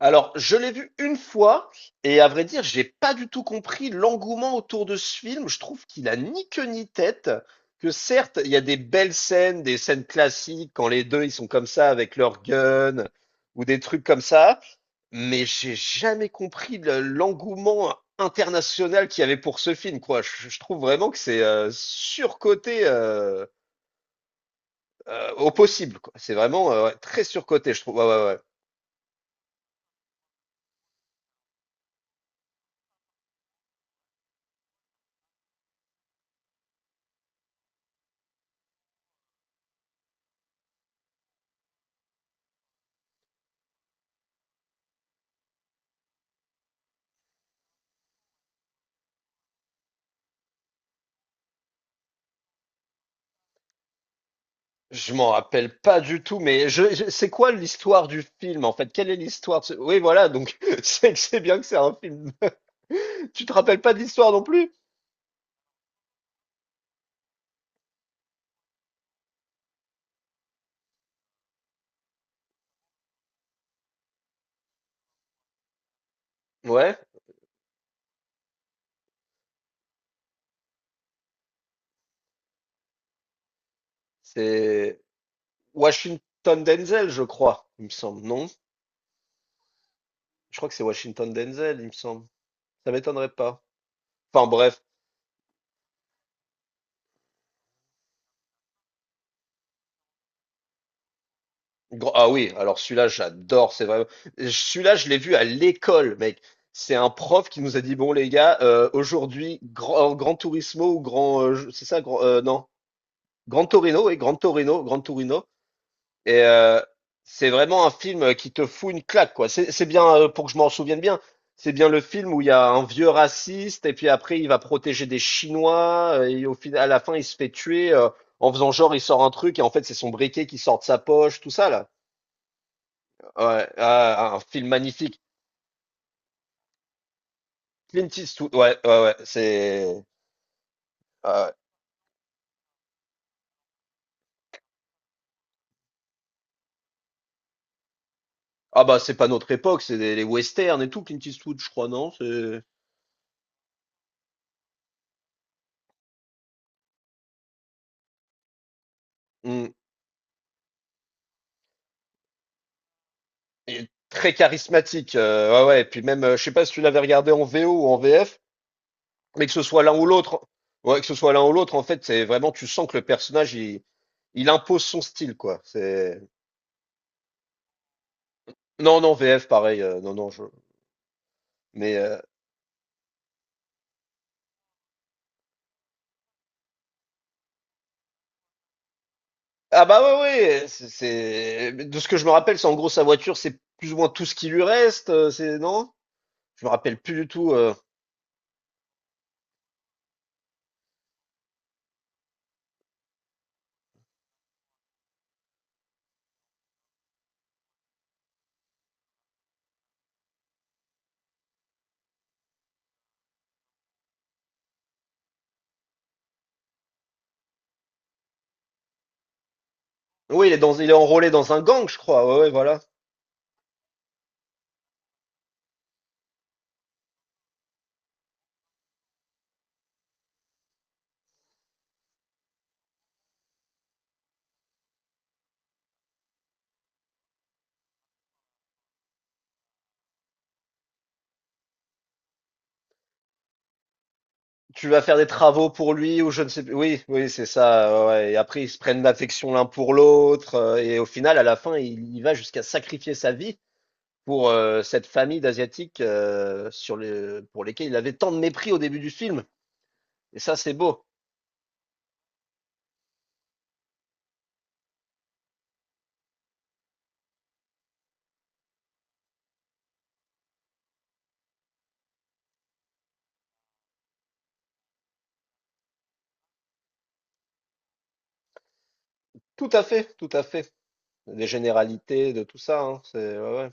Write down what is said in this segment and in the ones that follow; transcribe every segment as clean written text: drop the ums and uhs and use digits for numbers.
Alors, je l'ai vu une fois et à vrai dire, j'ai pas du tout compris l'engouement autour de ce film. Je trouve qu'il a ni queue ni tête. Que certes, il y a des belles scènes, des scènes classiques quand les deux ils sont comme ça avec leur gun ou des trucs comme ça, mais j'ai jamais compris l'engouement international qu'il y avait pour ce film, quoi. Je trouve vraiment que c'est surcoté au possible, quoi. C'est vraiment ouais, très surcoté, je trouve. Ouais, ouais, ouais. Je m'en rappelle pas du tout, mais c'est quoi l'histoire du film en fait? Quelle est l'histoire de ce- Oui, voilà, donc c'est bien que c'est un film. Tu te rappelles pas de l'histoire non plus? Ouais, c'est Washington Denzel, je crois, il me semble. Non? Je crois que c'est Washington Denzel, il me semble. Ça m'étonnerait pas. Enfin bref. Ah oui, alors celui-là, j'adore, c'est vrai. Celui-là, je l'ai vu à l'école, mec. C'est un prof qui nous a dit, bon les gars, aujourd'hui, grand, Grand Turismo ou grand, c'est ça, grand, non? Gran Torino, oui, Gran Torino, Gran Torino. Et euh, c'est vraiment un film qui te fout une claque, quoi. C'est bien, pour que je m'en souvienne bien, c'est bien le film où il y a un vieux raciste et puis après il va protéger des Chinois et au final, à la fin, il se fait tuer en faisant genre il sort un truc et en fait c'est son briquet qui sort de sa poche, tout ça là. Ouais, ah, un film magnifique. Clint Eastwood, ouais, ouais, ouais, c'est. Ah ouais. Ah bah c'est pas notre époque, les westerns et tout, Clint Eastwood, je crois, non? C'est. Hmm. Il est très charismatique. Ouais, ouais. Et puis même, je sais pas si tu l'avais regardé en VO ou en VF, mais que ce soit l'un ou l'autre, ouais, que ce soit l'un ou l'autre, en fait, c'est vraiment, tu sens que le personnage, il impose son style, quoi. C'est non, non, VF, pareil. Non, non, je. Mais ah bah ouais, ouais. De ce que je me rappelle, c'est en gros sa voiture, c'est plus ou moins tout ce qui lui reste. C'est non? Je me rappelle plus du tout. Oui, il est enrôlé dans un gang, je crois. Ouais, ouais, voilà. Tu vas faire des travaux pour lui ou je ne sais plus. Oui, oui, c'est ça. Ouais. Ouais. Et après, ils se prennent d'affection l'un pour l'autre. Et au final, à la fin, il va jusqu'à sacrifier sa vie pour cette famille d'Asiatiques pour lesquels il avait tant de mépris au début du film. Et ça, c'est beau. Tout à fait, tout à fait. Des généralités, de tout ça, hein. C'est, ouais, ouais.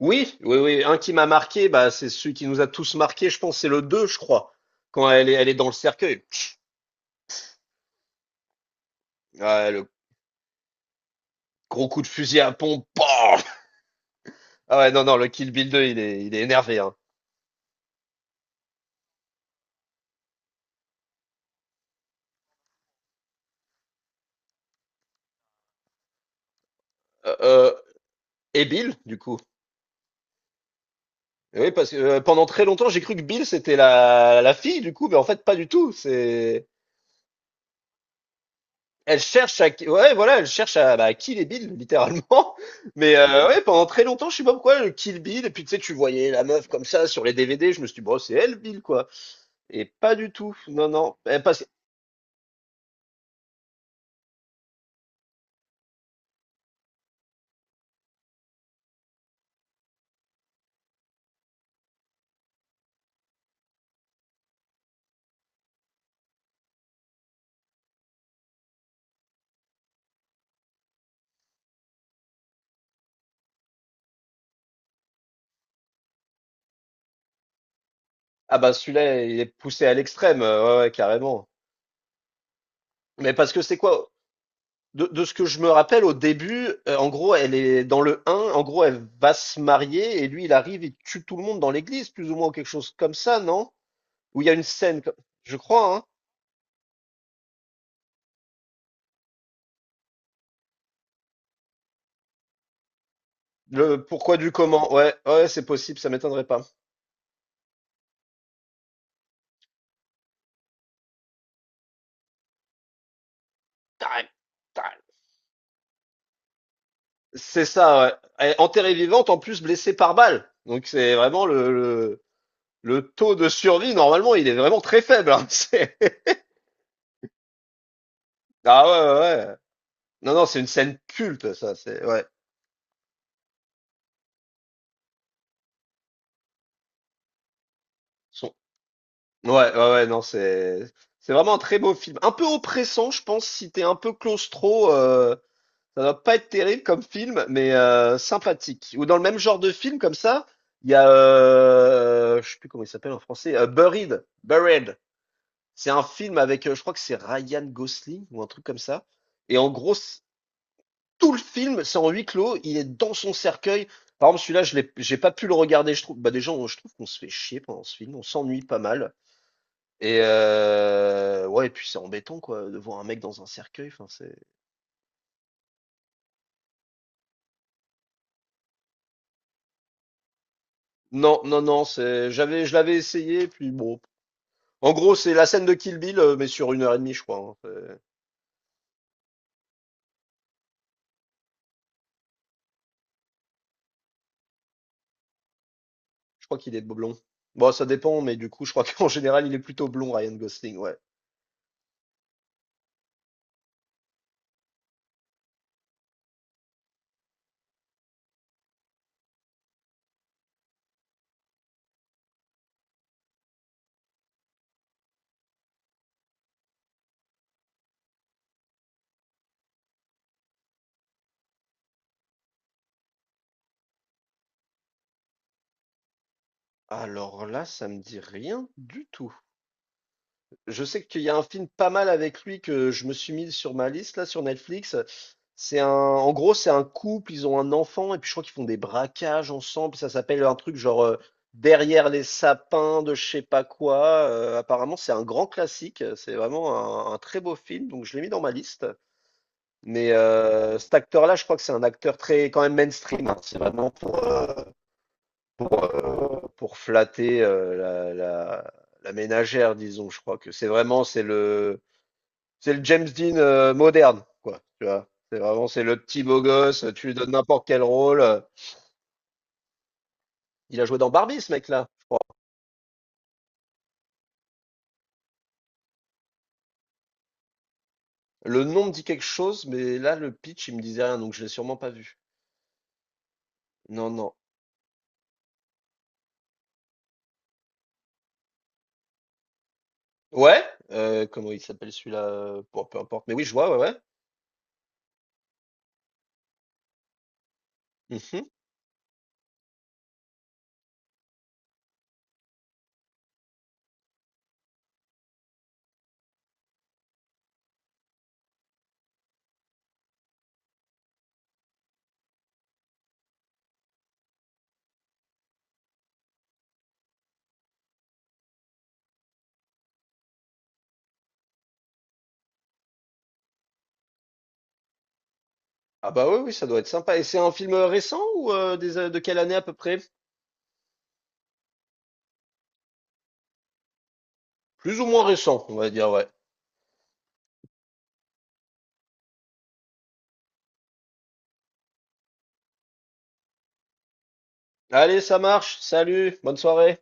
Oui, oui, oui. Un qui m'a marqué, bah, c'est celui qui nous a tous marqué, je pense, c'est le 2, je crois. Quand elle est dans le cercueil. Pff, ouais, le gros coup de fusil à pompe. Pam. Ah ouais, non, non, le Kill Bill 2, il est énervé. Hein. Euh, euh, et Bill, du coup. Oui, parce que pendant très longtemps, j'ai cru que Bill, c'était la fille, du coup, mais en fait, pas du tout. Elle cherche à... Ouais, voilà, elle cherche à, bah, kill et Bill, littéralement. Mais ouais, pendant très longtemps, je sais pas pourquoi, le Kill Bill, et puis tu sais, tu voyais la meuf comme ça sur les DVD, je me suis dit, bon, c'est elle, Bill, quoi. Et pas du tout. Non, non. Eh. Ah bah celui-là, il est poussé à l'extrême. Ouais, ouais, carrément. Mais parce que c'est quoi? De ce que je me rappelle au début, en gros, elle est dans le 1, en gros, elle va se marier et lui, il arrive, il tue tout le monde dans l'église, plus ou moins, ou quelque chose comme ça, non? Où il y a une scène, je crois, hein? Le pourquoi du comment, ouais, ouais, c'est possible, ça m'étonnerait pas. Tarek, Tarek. C'est ça, ouais. Elle est enterrée vivante, en plus blessée par balle. Donc c'est vraiment le taux de survie, normalement, il est vraiment très faible, hein. Ah ouais, ouais, ouais. Non, non, c'est une scène culte, ça, c'est, ouais. Ouais, ouais, ouais, non, c'est vraiment un très beau film. Un peu oppressant, je pense, si t'es un peu claustro, ça doit pas être terrible comme film, mais sympathique. Ou dans le même genre de film comme ça, il y a, je sais plus comment il s'appelle en français, Buried. Buried. C'est un film avec, je crois que c'est Ryan Gosling ou un truc comme ça. Et en gros, tout le film, c'est en huis clos. Il est dans son cercueil. Par exemple, celui-là, j'ai pas pu le regarder. Je trouve, bah déjà, je trouve qu'on se fait chier pendant ce film. On s'ennuie pas mal. Et ouais, et puis c'est embêtant quoi, de voir un mec dans un cercueil, enfin c'est non, non, non, c'est j'avais je l'avais essayé puis bon. En gros, c'est la scène de Kill Bill, mais sur 1h30 je crois, hein, c'est. Je crois qu'il est blond. Bon, ça dépend, mais du coup je crois qu'en général il est plutôt blond, Ryan Gosling, ouais. Alors là, ça me dit rien du tout. Je sais qu'il y a un film pas mal avec lui que je me suis mis sur ma liste là sur Netflix. En gros, c'est un couple, ils ont un enfant et puis je crois qu'ils font des braquages ensemble. Ça s'appelle un truc genre Derrière les sapins de je sais pas quoi. Apparemment, c'est un grand classique. C'est vraiment un très beau film, donc je l'ai mis dans ma liste. Mais cet acteur-là, je crois que c'est un acteur très quand même mainstream, hein. C'est vraiment pour, pour, euh, pour flatter la ménagère, disons. Je crois que c'est vraiment c'est le James Dean moderne, quoi. Tu vois, c'est le petit beau gosse. Tu lui donnes n'importe quel rôle. Il a joué dans Barbie, ce mec-là, je crois. Le nom me dit quelque chose, mais là le pitch, il me disait rien, donc je l'ai sûrement pas vu. Non, non. Ouais. Comment il s'appelle celui-là? Bon, peu importe. Mais oui, je vois. Ouais, ouais. Mhm. Ah bah oui, oui, ça doit être sympa. Et c'est un film récent ou de quelle année à peu près? Plus ou moins récent, on va dire. Ouais. Allez, ça marche. Salut. Bonne soirée.